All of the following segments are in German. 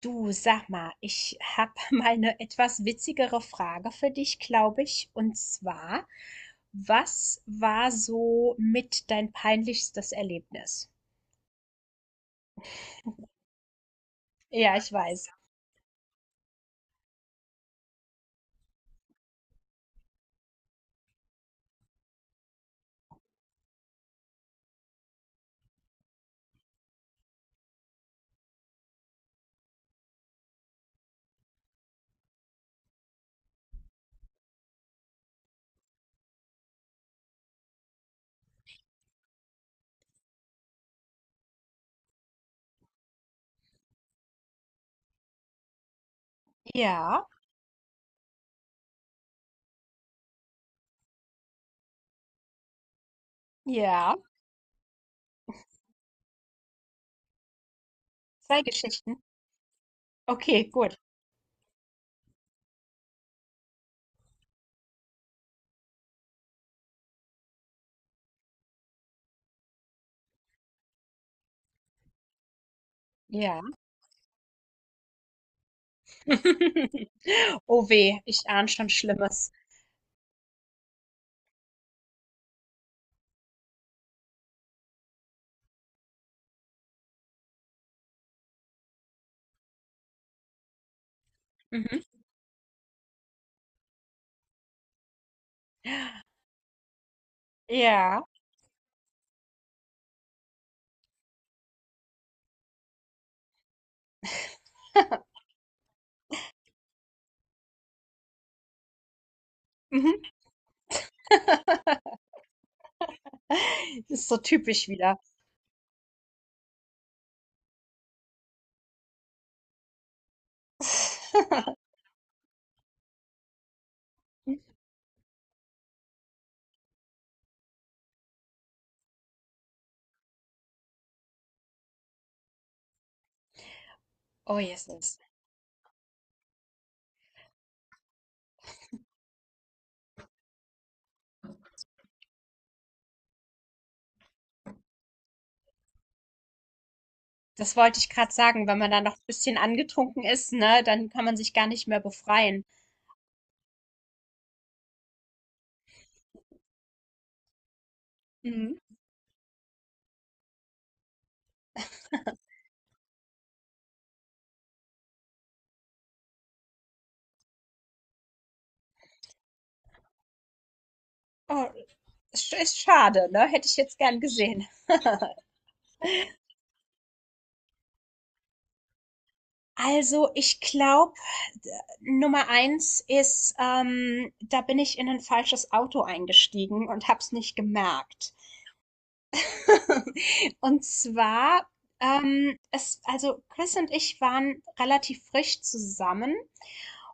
Du, sag mal, ich habe mal eine etwas witzigere Frage für dich, glaube ich. Und zwar, was war so mit dein peinlichstes Erlebnis? Ja, ich weiß. Ja, ja, zwei Geschichten. Okay, gut. Ja. Oh weh, ich ahne schon Schlimmes. Mhm. Ja. Mhm. Das ist so typisch wieder. Oh, Jesus. Das wollte ich gerade sagen, wenn man da noch ein bisschen angetrunken ist, ne, dann kann man sich gar nicht mehr befreien. Mhm. Oh, ist schade, ne? Hätte ich jetzt gern gesehen. Also, ich glaube, Nummer eins ist, da bin ich in ein falsches Auto eingestiegen und habe es nicht gemerkt. Und zwar, es also, Chris und ich waren relativ frisch zusammen.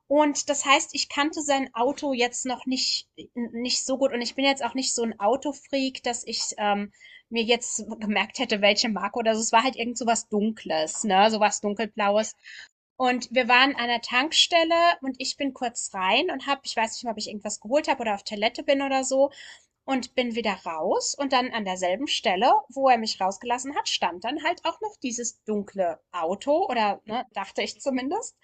Und das heißt, ich kannte sein Auto jetzt noch nicht so gut und ich bin jetzt auch nicht so ein Autofreak, dass ich, mir jetzt gemerkt hätte, welche Marke oder so. Es war halt irgend so was Dunkles, ne, so was Dunkelblaues. Und wir waren an einer Tankstelle und ich bin kurz rein und habe, ich weiß nicht mehr, ob ich irgendwas geholt habe oder auf Toilette bin oder so, und bin wieder raus, und dann an derselben Stelle, wo er mich rausgelassen hat, stand dann halt auch noch dieses dunkle Auto oder, ne, dachte ich zumindest.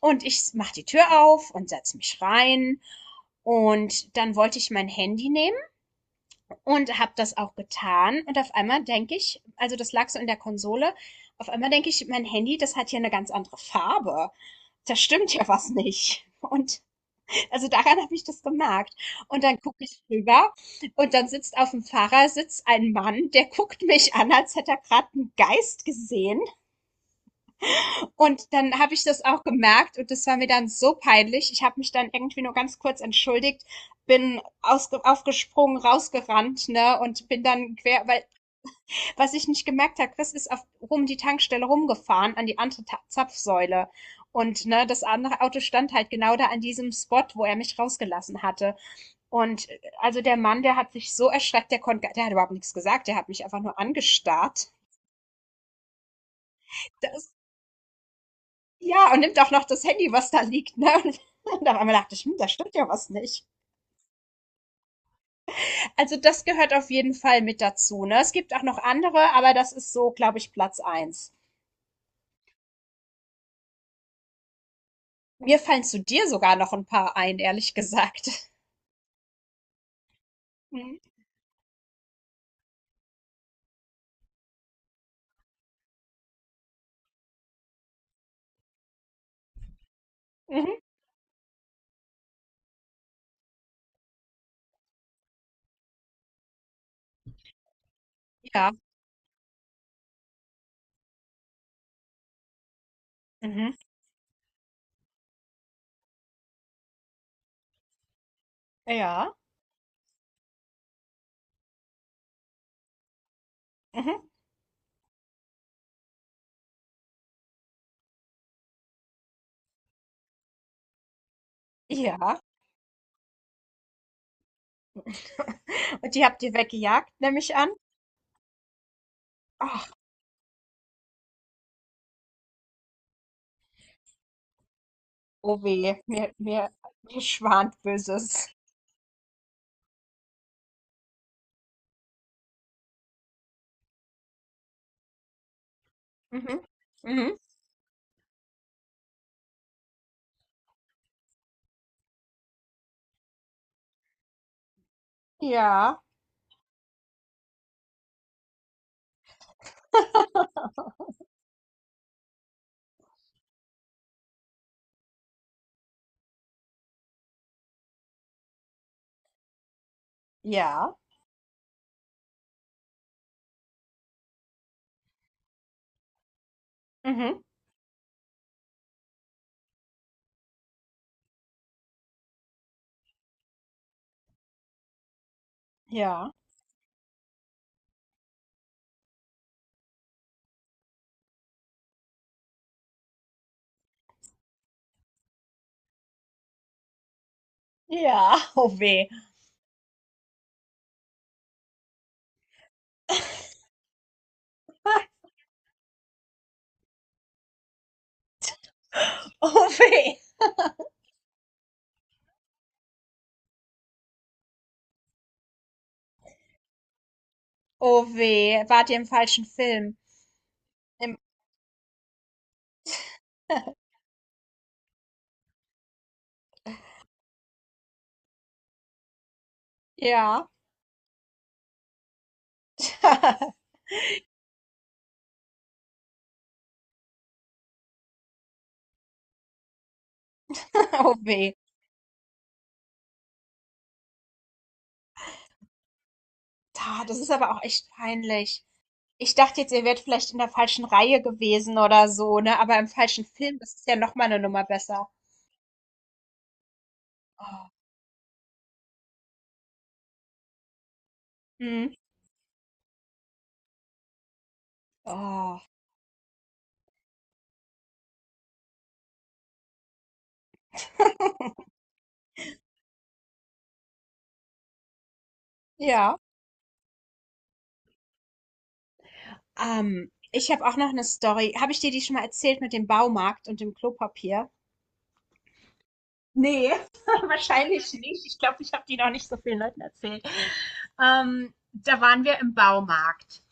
Und ich mach die Tür auf und setz mich rein. Und dann wollte ich mein Handy nehmen und habe das auch getan. Und auf einmal denke ich, also das lag so in der Konsole, auf einmal denke ich, mein Handy, das hat hier eine ganz andere Farbe. Da stimmt ja was nicht. Und also daran habe ich das gemerkt. Und dann gucke ich rüber und dann sitzt auf dem Fahrersitz ein Mann, der guckt mich an, als hätte er gerade einen Geist gesehen. Und dann habe ich das auch gemerkt und das war mir dann so peinlich. Ich habe mich dann irgendwie nur ganz kurz entschuldigt, bin ausge aufgesprungen, rausgerannt, ne, und bin dann quer, weil, was ich nicht gemerkt habe, Chris ist auf rum die Tankstelle rumgefahren an die andere Ta Zapfsäule. Und ne, das andere Auto stand halt genau da an diesem Spot, wo er mich rausgelassen hatte. Und also der Mann, der hat sich so erschreckt, der konnte, der hat überhaupt nichts gesagt, der hat mich einfach nur angestarrt. Das, ja, und nimmt auch noch das Handy, was da liegt, ne? Und dann auf einmal dachte ich, hm, da stimmt ja was nicht. Also das gehört auf jeden Fall mit dazu, ne? Es gibt auch noch andere, aber das ist so, glaube ich, Platz eins. Mir fallen zu dir sogar noch ein paar ein, ehrlich gesagt. Mhm. Mhm. Ja. Mhm. Ja. Mhm. Ja. Und die habt ihr weggejagt, nehme ich an. Ach, oh weh, mir schwant Böses. Mhm. Mhm. Ja. Ja. Mhm. Ja. Ja. Oh weh. Oh weh. Oh weh. Wart ihr im falschen Film? Im ja. Oh weh. Ta, das ist aber auch echt peinlich. Ich dachte jetzt, ihr wärt vielleicht in der falschen Reihe gewesen oder so, ne? Aber im falschen Film, das ist ja noch mal eine Nummer besser. Oh. Mhm. Oh. Ja. Ich habe auch noch eine Story. Habe ich dir die schon mal erzählt mit dem Baumarkt und dem Klopapier? Ne, wahrscheinlich nicht. Ich glaube, ich habe die noch nicht so vielen Leuten erzählt. Da waren wir im Baumarkt.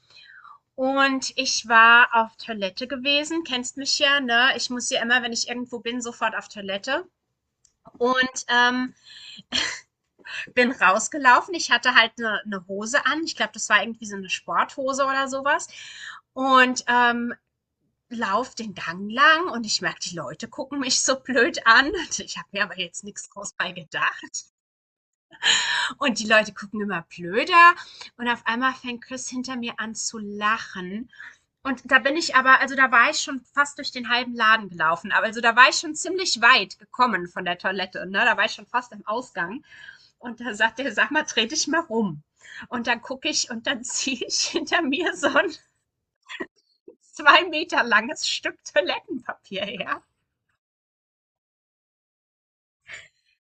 Und ich war auf Toilette gewesen, kennst mich ja, ne? Ich muss ja immer, wenn ich irgendwo bin, sofort auf Toilette. Und bin rausgelaufen. Ich hatte halt eine ne Hose an. Ich glaube, das war irgendwie so eine Sporthose oder sowas. Und lauf den Gang lang und ich merke, die Leute gucken mich so blöd an. Und ich habe mir aber jetzt nichts groß bei gedacht. Und die Leute gucken immer blöder. Und auf einmal fängt Chris hinter mir an zu lachen. Und da bin ich aber, also da war ich schon fast durch den halben Laden gelaufen. Aber also da war ich schon ziemlich weit gekommen von der Toilette. Ne? Da war ich schon fast am Ausgang. Und da sagt er, sag mal, dreh dich mal rum. Und dann gucke ich und dann ziehe ich hinter mir so ein 2 Meter langes Stück Toilettenpapier her.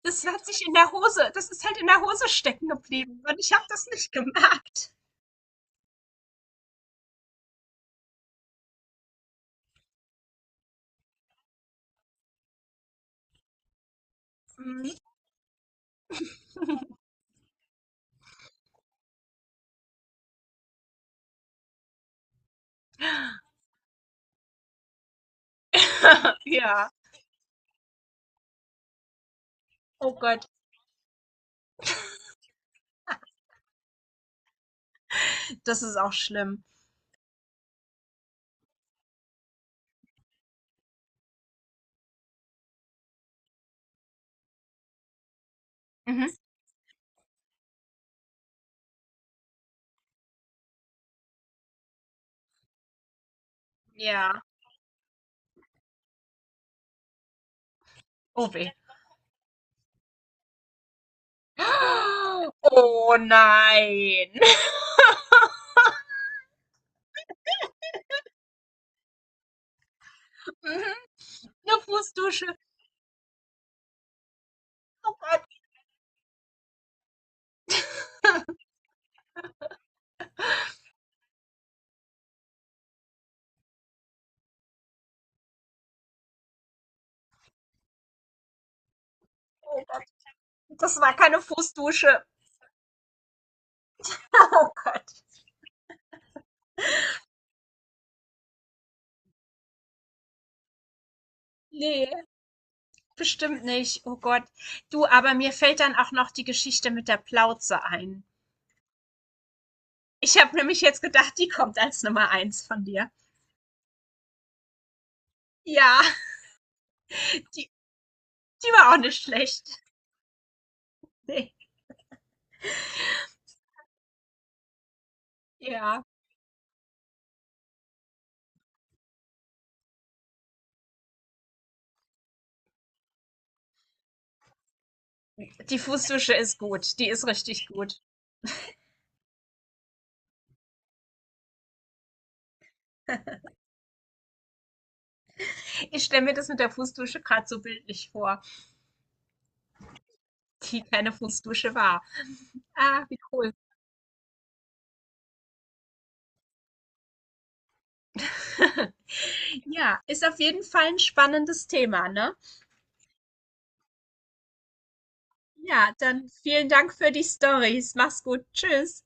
Das hat sich in der Hose, das ist halt in der Hose stecken geblieben. Und ich habe das nicht gemerkt. Mhm. Ja. Oh Gott, das ist auch schlimm. Mhm. Ja. Oh weh. Oh nein. Mhm, 'ne Fußdusche. Oh Gott, oh Gott. Das war keine Fußdusche. Oh Gott. Ne, bestimmt nicht. Oh Gott. Du, aber mir fällt dann auch noch die Geschichte mit der Plauze ein. Ich habe nämlich jetzt gedacht, die kommt als Nummer eins von dir. Ja, die die war auch nicht schlecht. Ne, ja. Die Fußdusche ist gut. Die ist richtig gut. Ich stelle mir das mit der Fußdusche gerade so bildlich vor, die keine Fußdusche war. Ah, wie cool. Ja, ist auf jeden Fall ein spannendes Thema, ne? Ja, dann vielen Dank für die Stories. Mach's gut. Tschüss.